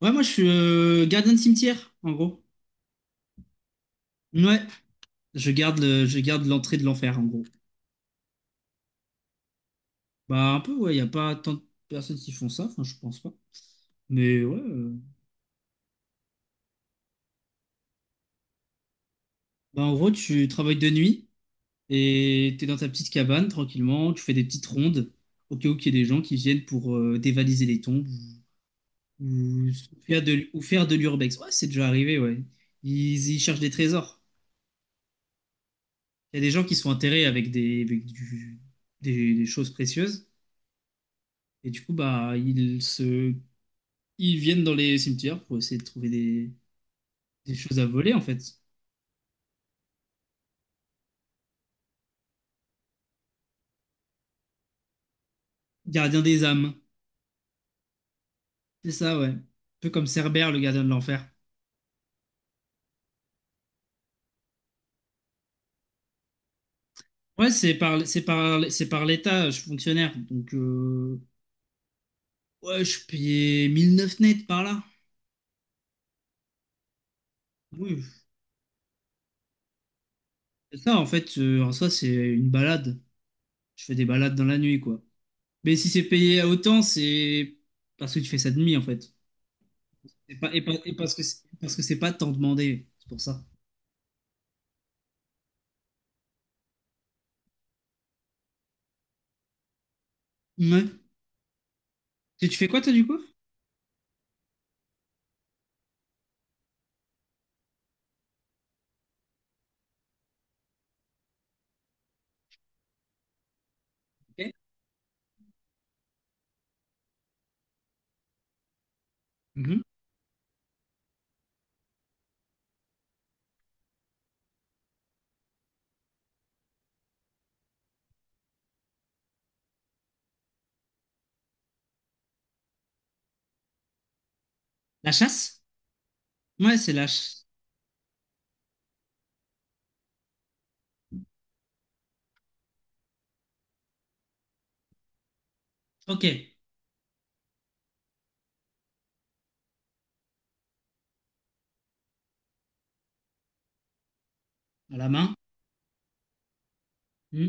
Ouais, moi je suis gardien de cimetière, en gros. Ouais, je garde l'entrée de l'enfer, en gros. Bah un peu, ouais, il n'y a pas tant de personnes qui font ça, enfin je pense pas. Mais ouais, bah en gros tu travailles de nuit et t'es dans ta petite cabane tranquillement, tu fais des petites rondes au cas où il y ait des gens qui viennent pour dévaliser les tombes ou, ou faire de l'urbex. Ouais, c'est déjà arrivé, ouais. Ils cherchent des trésors. Il y a des gens qui sont enterrés avec avec des choses précieuses. Et du coup, bah, ils viennent dans les cimetières pour essayer de trouver des choses à voler, en fait. Gardien des âmes. C'est ça, ouais. Un peu comme Cerbère, le gardien de l'enfer. Ouais, c'est par l'État, je suis fonctionnaire. Donc, ouais, je payais 1009 net par là. Oui, c'est ça, en fait. En soi, c'est une balade. Je fais des balades dans la nuit, quoi. Mais si c'est payé à autant, c'est parce que tu fais ça de nuit, en fait. Et, pas, et, pas- et parce que c'est pas tant demandé. C'est pour ça. Ouais. Tu fais quoi, toi, du coup? Ok. Mhm. La chasse? Ouais, c'est lâche. Ok. À la main. Hmm.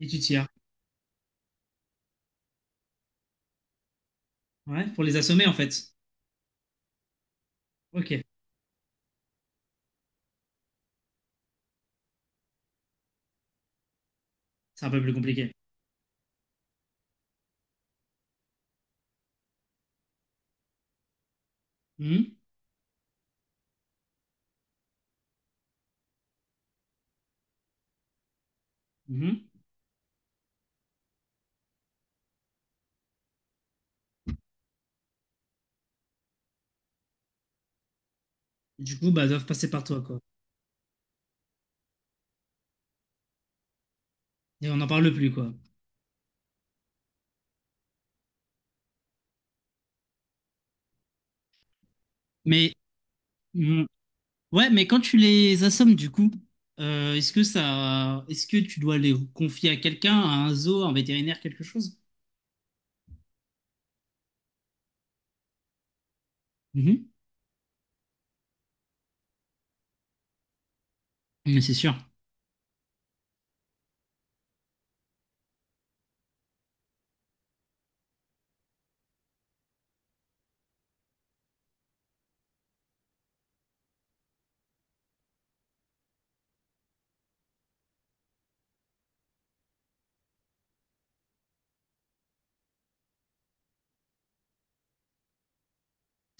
Et tu tires. Ouais, pour les assommer, en fait. Ok. C'est un peu plus compliqué. Hmm. Mhm. Du coup, bah, elles doivent passer par toi, quoi. Et on n'en parle plus, quoi. Mais hmm, ouais, mais quand tu les assommes du coup, est-ce que tu dois les confier à quelqu'un, à un zoo, à un vétérinaire, quelque chose? Mhm. Mais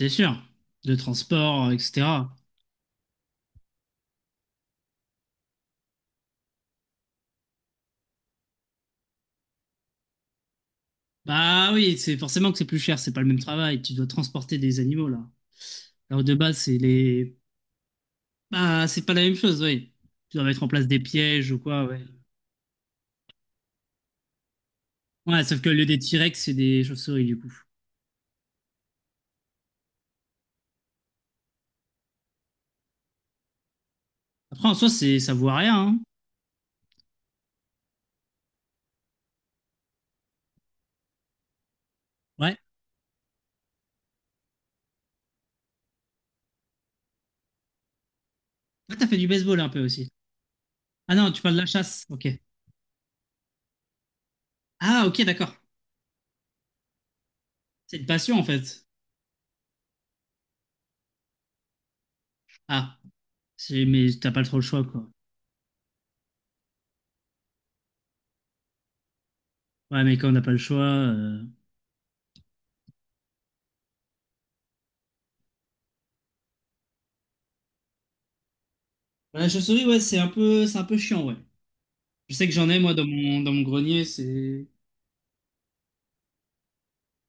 c'est sûr, de transport, etc. Bah oui, c'est forcément que c'est plus cher, c'est pas le même travail, tu dois transporter des animaux là. Alors de base, c'est les… Bah, c'est pas la même chose, oui. Tu dois mettre en place des pièges ou quoi, ouais. Ouais, sauf que le lieu des T-Rex, c'est des chauves-souris du coup. Après, en soi, c'est ça voit rien, hein. Ouais. Ouais, t'as fait du baseball un peu aussi. Ah non, tu parles de la chasse, ok. Ah, ok, d'accord. C'est une passion en fait. Ah, c'est- mais t'as pas trop le choix, quoi. Ouais, mais quand on n'a pas le choix… Bah, la chauve-souris, ouais, c'est un peu chiant, ouais. Je sais que j'en ai, moi, dans mon grenier, c'est…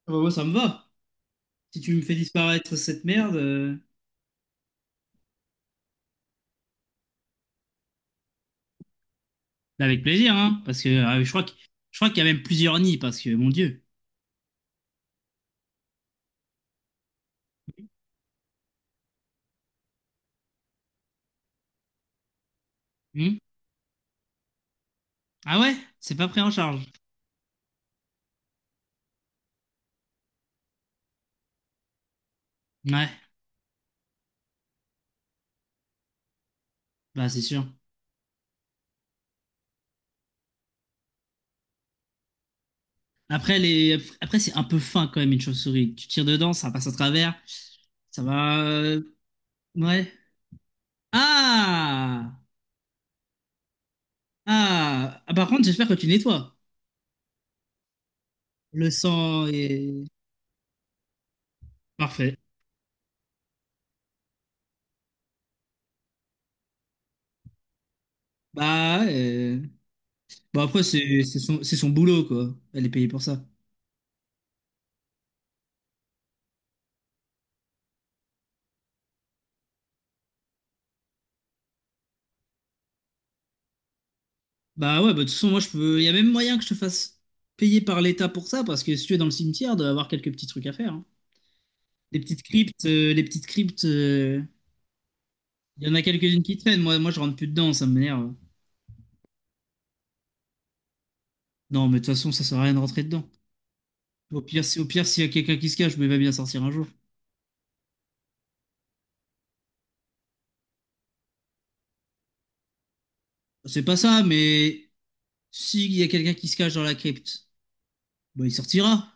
Ah bah, moi, ça me va. Si tu me fais disparaître cette merde, avec plaisir, hein, parce que je crois qu'il y a même plusieurs nids, parce que mon Dieu. Hmm. Ah ouais? C'est pas pris en charge. Ouais, bah c'est sûr. Après c'est un peu fin quand même une chauve-souris. Tu tires dedans, ça passe à travers, ça va. Ouais. Ah! Ah! Ah, par contre, j'espère que tu nettoies. Le sang est parfait. Bah, ouais, euh, bon après c'est son c'est son boulot quoi. Elle est payée pour ça. Bah ouais, bah, de toute façon, moi, je peux. Il y a même moyen que je te fasse payer par l'État pour ça, parce que si tu es dans le cimetière, il doit avoir quelques petits trucs à faire, hein. Des petites cryptes, les petites cryptes, il y en a quelques-unes qui traînent. Moi, je rentre plus dedans, ça m'énerve. Non, mais de toute façon, ça sert à rien de rentrer dedans. Au pire, si, au pire, s'il y a quelqu'un qui se cache, mais il va bien sortir un jour. C'est pas ça, mais s'il y a quelqu'un qui se cache dans la crypte, bah, il sortira.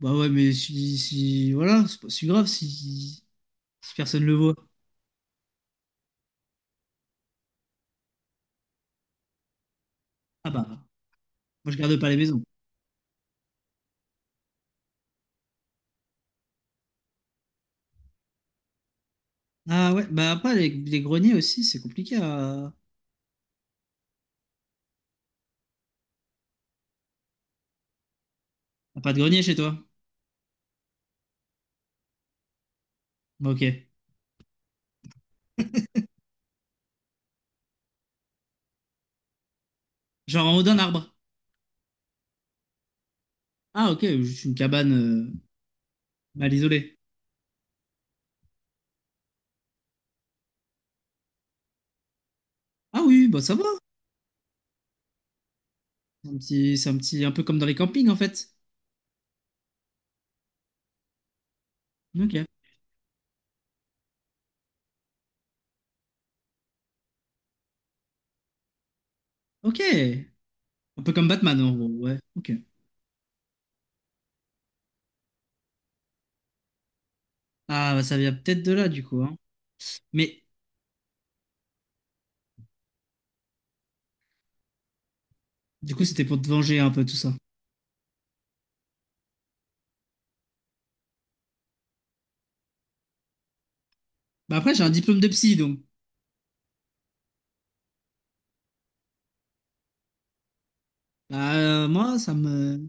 Bah ouais, mais si, si, voilà, c'est pas si grave si, si personne le voit. Ah bah, moi, je garde pas les maisons. Ah ouais, bah après, les greniers aussi, c'est compliqué à… à pas de grenier chez toi. Bah, ok. Genre en haut d'un arbre. Ah ok, juste une cabane euh, mal isolée. Ah oui, bah ça va. Un peu comme dans les campings en fait. Ok. Ok. Un peu comme Batman en gros, ouais. Ok. Ah bah ça vient peut-être de là du coup, hein. Mais du coup, c'était pour te venger un peu tout ça. Bah après, j'ai un diplôme de psy, donc. Bah moi, ça me.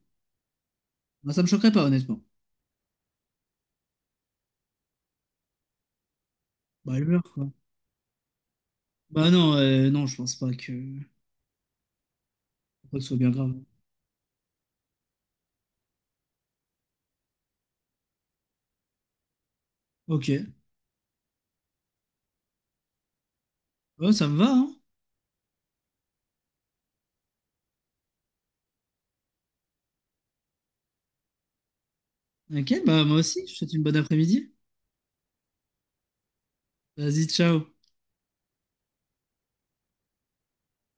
Moi, ça me choquerait pas, honnêtement. Bah elle meurt, quoi. Bah non, non, je pense pas que… pas que ce soit bien grave. Ok. Oh, ça me va, hein? Ok, bah moi aussi, je te souhaite une bonne après-midi. Vas-y, ciao.